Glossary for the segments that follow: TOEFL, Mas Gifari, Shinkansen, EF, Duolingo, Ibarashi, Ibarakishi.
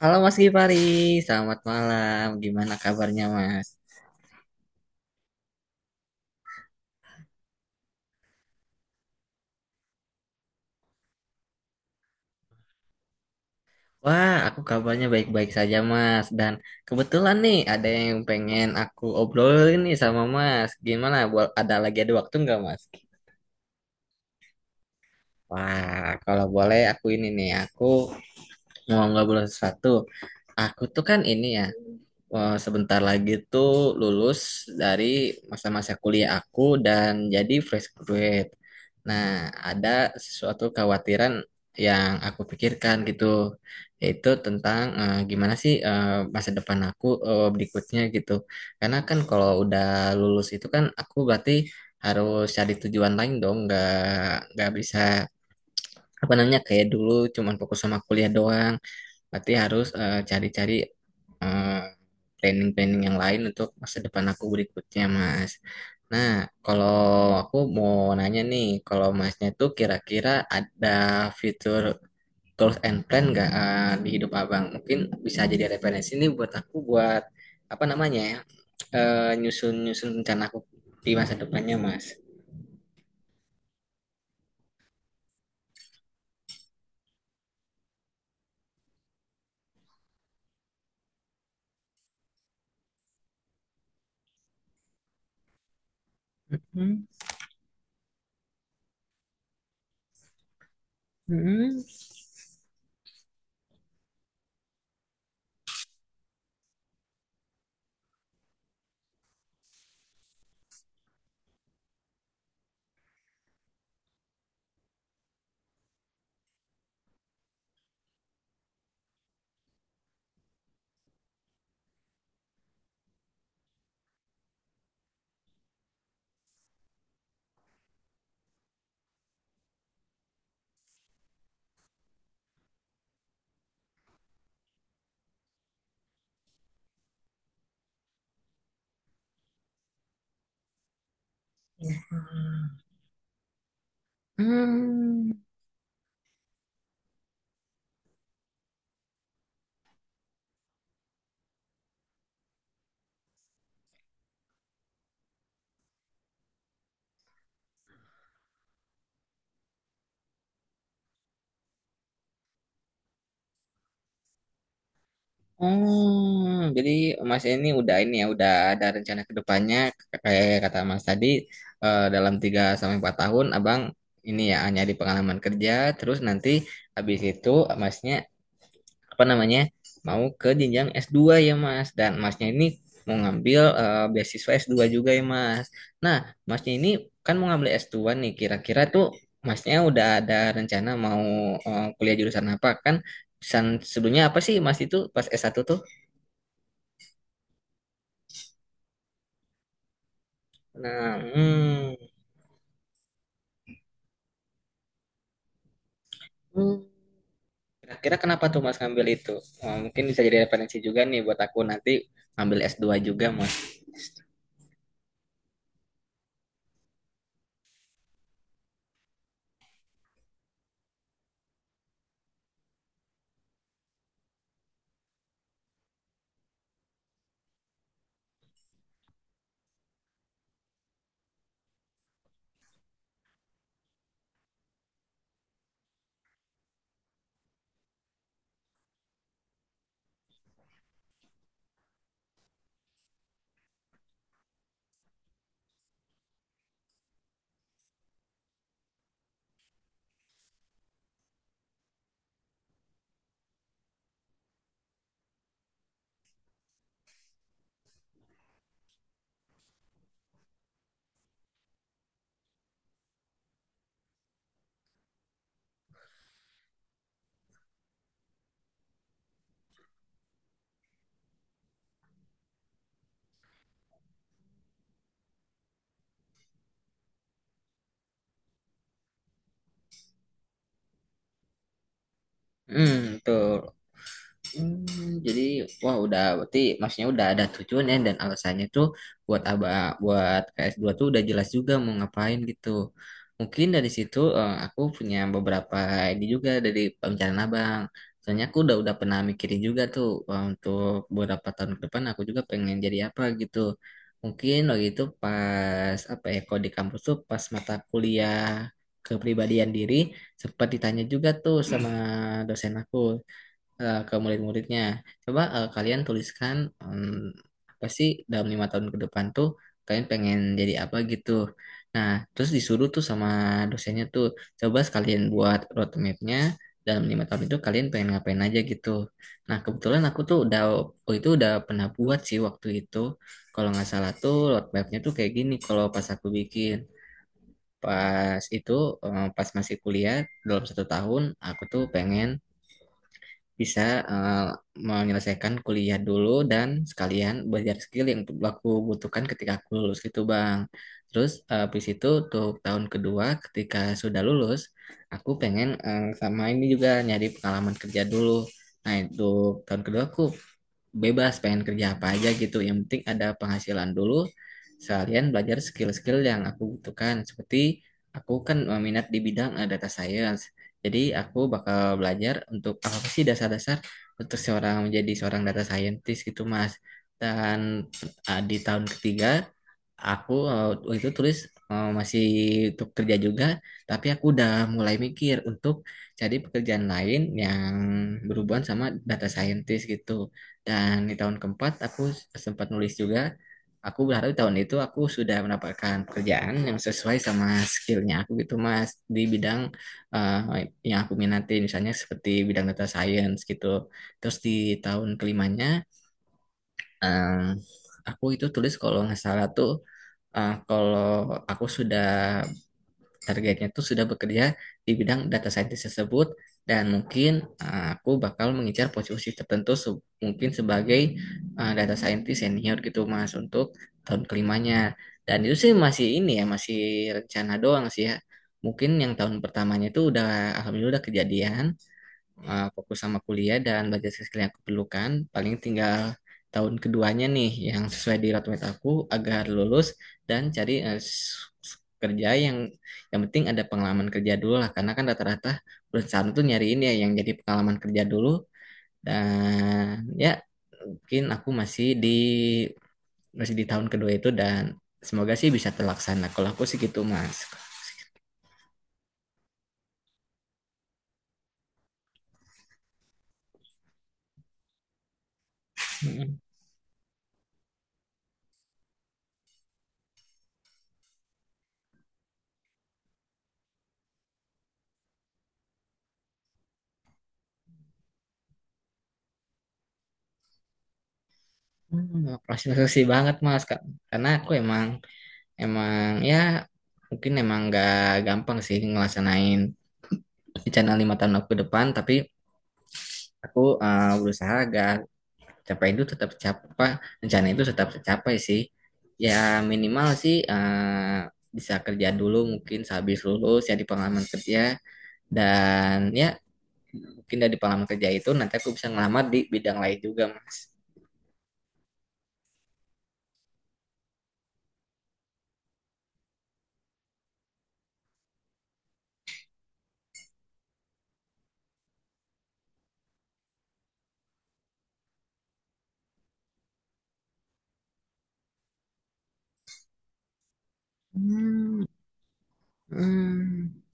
Halo Mas Gifari, selamat malam. Gimana kabarnya Mas? Wah, aku kabarnya baik-baik saja Mas. Dan kebetulan nih ada yang pengen aku obrolin nih sama Mas. Gimana? Ada ada waktu nggak Mas? Wah, kalau boleh aku ini nih, aku mau ngobrol sesuatu. Aku tuh kan ini ya, sebentar lagi tuh lulus dari masa-masa kuliah aku dan jadi fresh graduate. Nah, ada sesuatu kekhawatiran yang aku pikirkan gitu, yaitu tentang gimana sih masa depan aku berikutnya gitu. Karena kan kalau udah lulus itu kan aku berarti harus cari tujuan lain dong, nggak bisa apa namanya kayak dulu cuman fokus sama kuliah doang. Berarti harus cari-cari eh, planning-planning yang lain untuk masa depan aku berikutnya, Mas. Nah, kalau aku mau nanya nih, kalau Masnya tuh kira-kira ada fitur goals and plan nggak di hidup Abang? Mungkin bisa jadi referensi nih buat aku buat apa namanya ya, nyusun-nyusun rencana aku di masa depannya, Mas. Hmm. Hmm. Hmm. Hmm, jadi Mas ini udah ini ya, udah ada rencana ke depannya kayak kata Mas tadi, dalam 3 sampai 4 tahun Abang ini ya hanya di pengalaman kerja terus nanti habis itu Masnya apa namanya mau ke jenjang S2 ya Mas dan Masnya ini mau ngambil beasiswa s dua juga ya Mas. Nah, Masnya ini kan mau ngambil S2 nih kira-kira tuh Masnya udah ada rencana mau kuliah jurusan apa kan? Jurusan sebelumnya apa sih Mas itu pas S1 tuh? Nah, hmm. Hmm. Kira-kira kenapa tuh Mas ngambil itu? Mungkin bisa jadi referensi juga nih buat aku nanti ngambil S2 juga Mas. Hmm, tuh. Hmm, jadi wah udah berarti maksudnya udah ada tujuannya dan alasannya tuh buat aba buat ks dua tuh udah jelas juga mau ngapain gitu. Mungkin dari situ aku punya beberapa ini juga dari pembicaraan Abang. Soalnya aku udah pernah mikirin juga tuh, untuk beberapa tahun ke depan aku juga pengen jadi apa gitu. Mungkin waktu itu pas apa ya, kalau di kampus tuh pas mata kuliah kepribadian diri sempat ditanya juga tuh sama dosen aku, ke murid-muridnya. Coba kalian tuliskan, em, apa sih dalam 5 tahun ke depan tuh kalian pengen jadi apa gitu. Nah, terus disuruh tuh sama dosennya tuh coba sekalian buat roadmapnya dalam 5 tahun itu kalian pengen ngapain aja gitu. Nah, kebetulan aku tuh udah oh itu udah pernah buat sih waktu itu. Kalau nggak salah tuh roadmapnya tuh kayak gini kalau pas aku bikin. Pas itu pas masih kuliah dalam 1 tahun aku tuh pengen bisa eh, menyelesaikan kuliah dulu dan sekalian belajar skill yang aku butuhkan ketika aku lulus gitu Bang. Terus habis itu untuk tahun kedua ketika sudah lulus, aku pengen sama ini juga nyari pengalaman kerja dulu. Nah, itu tahun kedua aku bebas pengen kerja apa aja gitu yang penting ada penghasilan dulu sekalian belajar skill-skill yang aku butuhkan seperti aku kan minat di bidang data science, jadi aku bakal belajar untuk apa sih dasar-dasar untuk seorang menjadi seorang data scientist gitu Mas. Dan di tahun ketiga aku waktu itu tulis masih untuk kerja juga, tapi aku udah mulai mikir untuk cari pekerjaan lain yang berhubungan sama data scientist gitu. Dan di tahun keempat aku sempat nulis juga. Aku berharap di tahun itu aku sudah mendapatkan pekerjaan yang sesuai sama skillnya aku gitu Mas di bidang yang aku minati misalnya seperti bidang data science gitu. Terus di tahun kelimanya eh, aku itu tulis kalau nggak salah tuh, kalau aku sudah targetnya itu sudah bekerja di bidang data scientist tersebut dan mungkin aku bakal mengincar posisi tertentu, mungkin sebagai data scientist senior gitu Mas untuk tahun kelimanya. Dan itu sih masih ini ya masih rencana doang sih ya. Mungkin yang tahun pertamanya itu udah alhamdulillah udah kejadian, fokus sama kuliah dan belajar skill yang aku perlukan. Paling tinggal tahun keduanya nih yang sesuai di roadmap aku agar lulus dan cari kerja yang penting ada pengalaman kerja dulu lah karena kan rata-rata perusahaan tuh nyariin ya yang jadi pengalaman kerja dulu dan ya mungkin aku masih di tahun kedua itu dan semoga sih bisa terlaksana. Kalau aku sih gitu Mas. Hmm, makasih banget Mas Kak. Karena aku emang Emang ya mungkin emang nggak gampang sih ngelaksanain rencana 5 tahun aku ke depan, tapi aku berusaha agar capai itu tetap capai, rencana itu tetap tercapai sih. Ya minimal sih bisa kerja dulu mungkin sehabis lulus ya di pengalaman kerja dan ya mungkin dari pengalaman kerja itu nanti aku bisa ngelamar di bidang lain juga Mas. Hmm, hmm.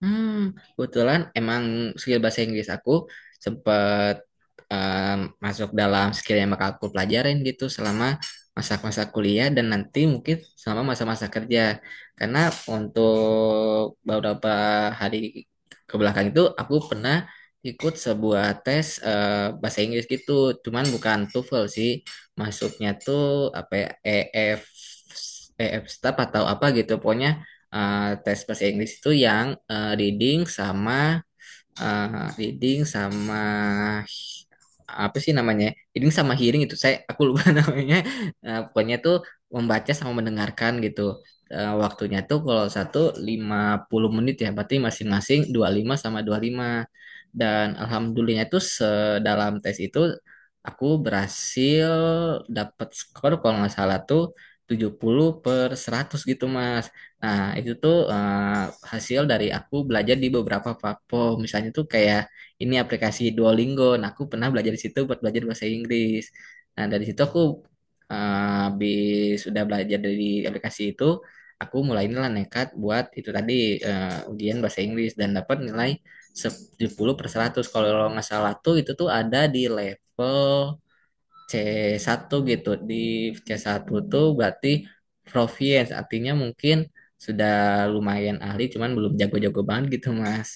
Hmm, kebetulan emang skill bahasa Inggris aku sempat masuk dalam skill yang bakal aku pelajarin gitu selama masa-masa kuliah dan nanti mungkin selama masa-masa kerja. Karena untuk beberapa hari ke belakang itu aku pernah ikut sebuah tes bahasa Inggris gitu, cuman bukan TOEFL sih. Masuknya tuh apa ya, EF EF staff atau apa gitu. Pokoknya tes bahasa Inggris itu yang reading sama apa sih namanya? Reading sama hearing itu aku lupa namanya. Eh, pokoknya tuh membaca sama mendengarkan gitu. Eh, waktunya tuh kalau 1 50 menit ya, berarti masing-masing 25 sama 25. Dan alhamdulillahnya tuh sedalam tes itu aku berhasil dapat skor kalau nggak salah tuh 70/100 gitu Mas. Nah, itu tuh hasil dari aku belajar di beberapa platform. Misalnya tuh kayak ini aplikasi Duolingo. Nah, aku pernah belajar di situ buat belajar bahasa Inggris. Nah, dari situ aku eh, habis sudah belajar dari aplikasi itu, aku mulai nilai nekat buat itu tadi ujian bahasa Inggris dan dapat nilai 10 per 100. Kalau nggak salah tuh itu tuh ada di level C1 gitu. Di C1 tuh berarti proficiency artinya mungkin sudah lumayan ahli cuman belum jago-jago banget gitu, Mas.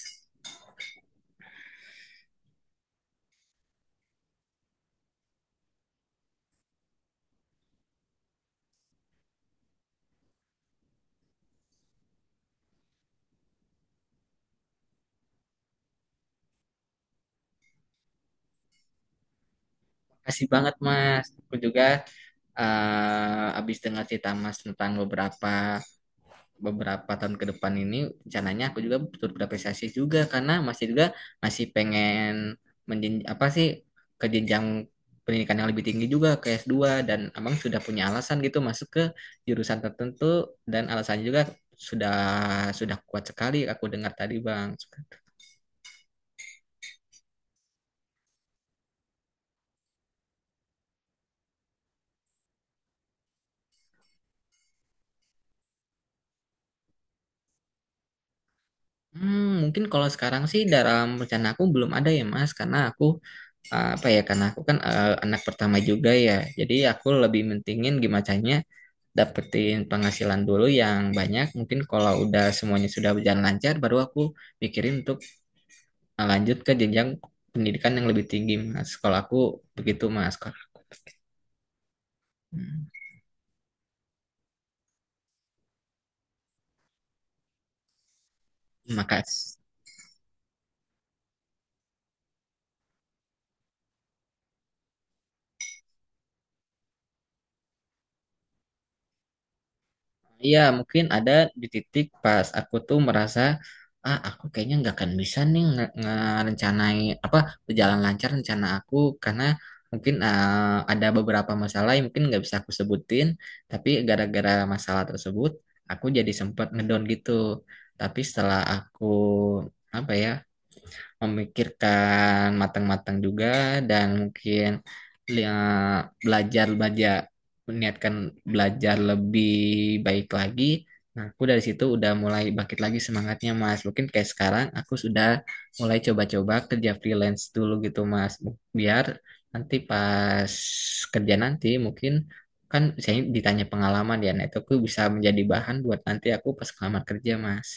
Makasih banget, Mas. Aku juga habis dengar cerita Mas tentang beberapa beberapa tahun ke depan ini rencananya aku juga betul berapresiasi juga karena masih pengen menjen apa sih ke jenjang pendidikan yang lebih tinggi juga ke S2 dan abang sudah punya alasan gitu masuk ke jurusan tertentu dan alasannya juga sudah sudah kuat sekali aku dengar tadi bang. Hmm, mungkin kalau sekarang sih dalam rencana aku belum ada ya Mas karena aku apa ya karena aku kan anak pertama juga ya. Jadi aku lebih mentingin gimana caranya dapetin penghasilan dulu yang banyak. Mungkin kalau udah semuanya sudah berjalan lancar, baru aku pikirin untuk lanjut ke jenjang pendidikan yang lebih tinggi, Mas. Kalau aku begitu, Mas. Kalau- Hmm. Makasih. Iya, mungkin ada di titik pas aku tuh merasa, ah, aku kayaknya nggak akan bisa nih ngerencanain apa berjalan lancar rencana aku karena mungkin ah, ada beberapa masalah yang mungkin nggak bisa aku sebutin, tapi gara-gara masalah tersebut aku jadi sempat ngedown gitu. Tapi setelah aku apa ya? Memikirkan matang-matang juga dan mungkin ya, belajar belajar niatkan belajar lebih baik lagi. Nah, aku dari situ udah mulai bangkit lagi semangatnya, Mas. Mungkin kayak sekarang aku sudah mulai coba-coba kerja freelance dulu gitu, Mas. Biar nanti pas kerja nanti mungkin kan ditanya pengalaman ya, nah itu aku bisa menjadi bahan buat nanti aku pas kelamar kerja, Mas.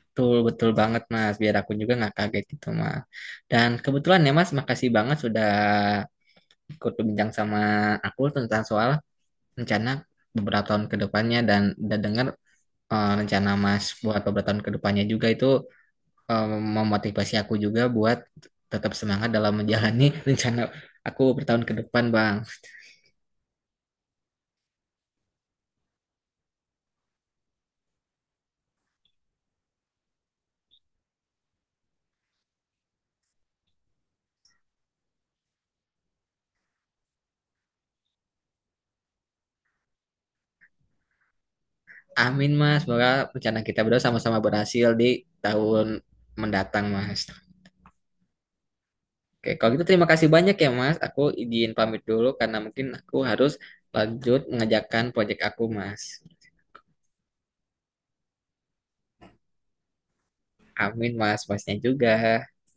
Betul, betul banget Mas. Biar aku juga nggak kaget gitu Mas. Dan kebetulan ya Mas, makasih banget sudah ikut berbincang sama aku tentang soal rencana beberapa tahun ke depannya dan udah dengar rencana Mas buat beberapa tahun ke depannya juga itu eh, memotivasi aku juga buat tetap semangat dalam menjalani rencana aku bertahun ke depan Bang. Amin Mas, semoga rencana kita berdua sama-sama berhasil di tahun mendatang Mas. Oke, kalau gitu terima kasih banyak ya Mas. Aku izin pamit dulu karena mungkin aku harus lanjut mengerjakan proyek aku Mas. Amin Mas, Masnya juga.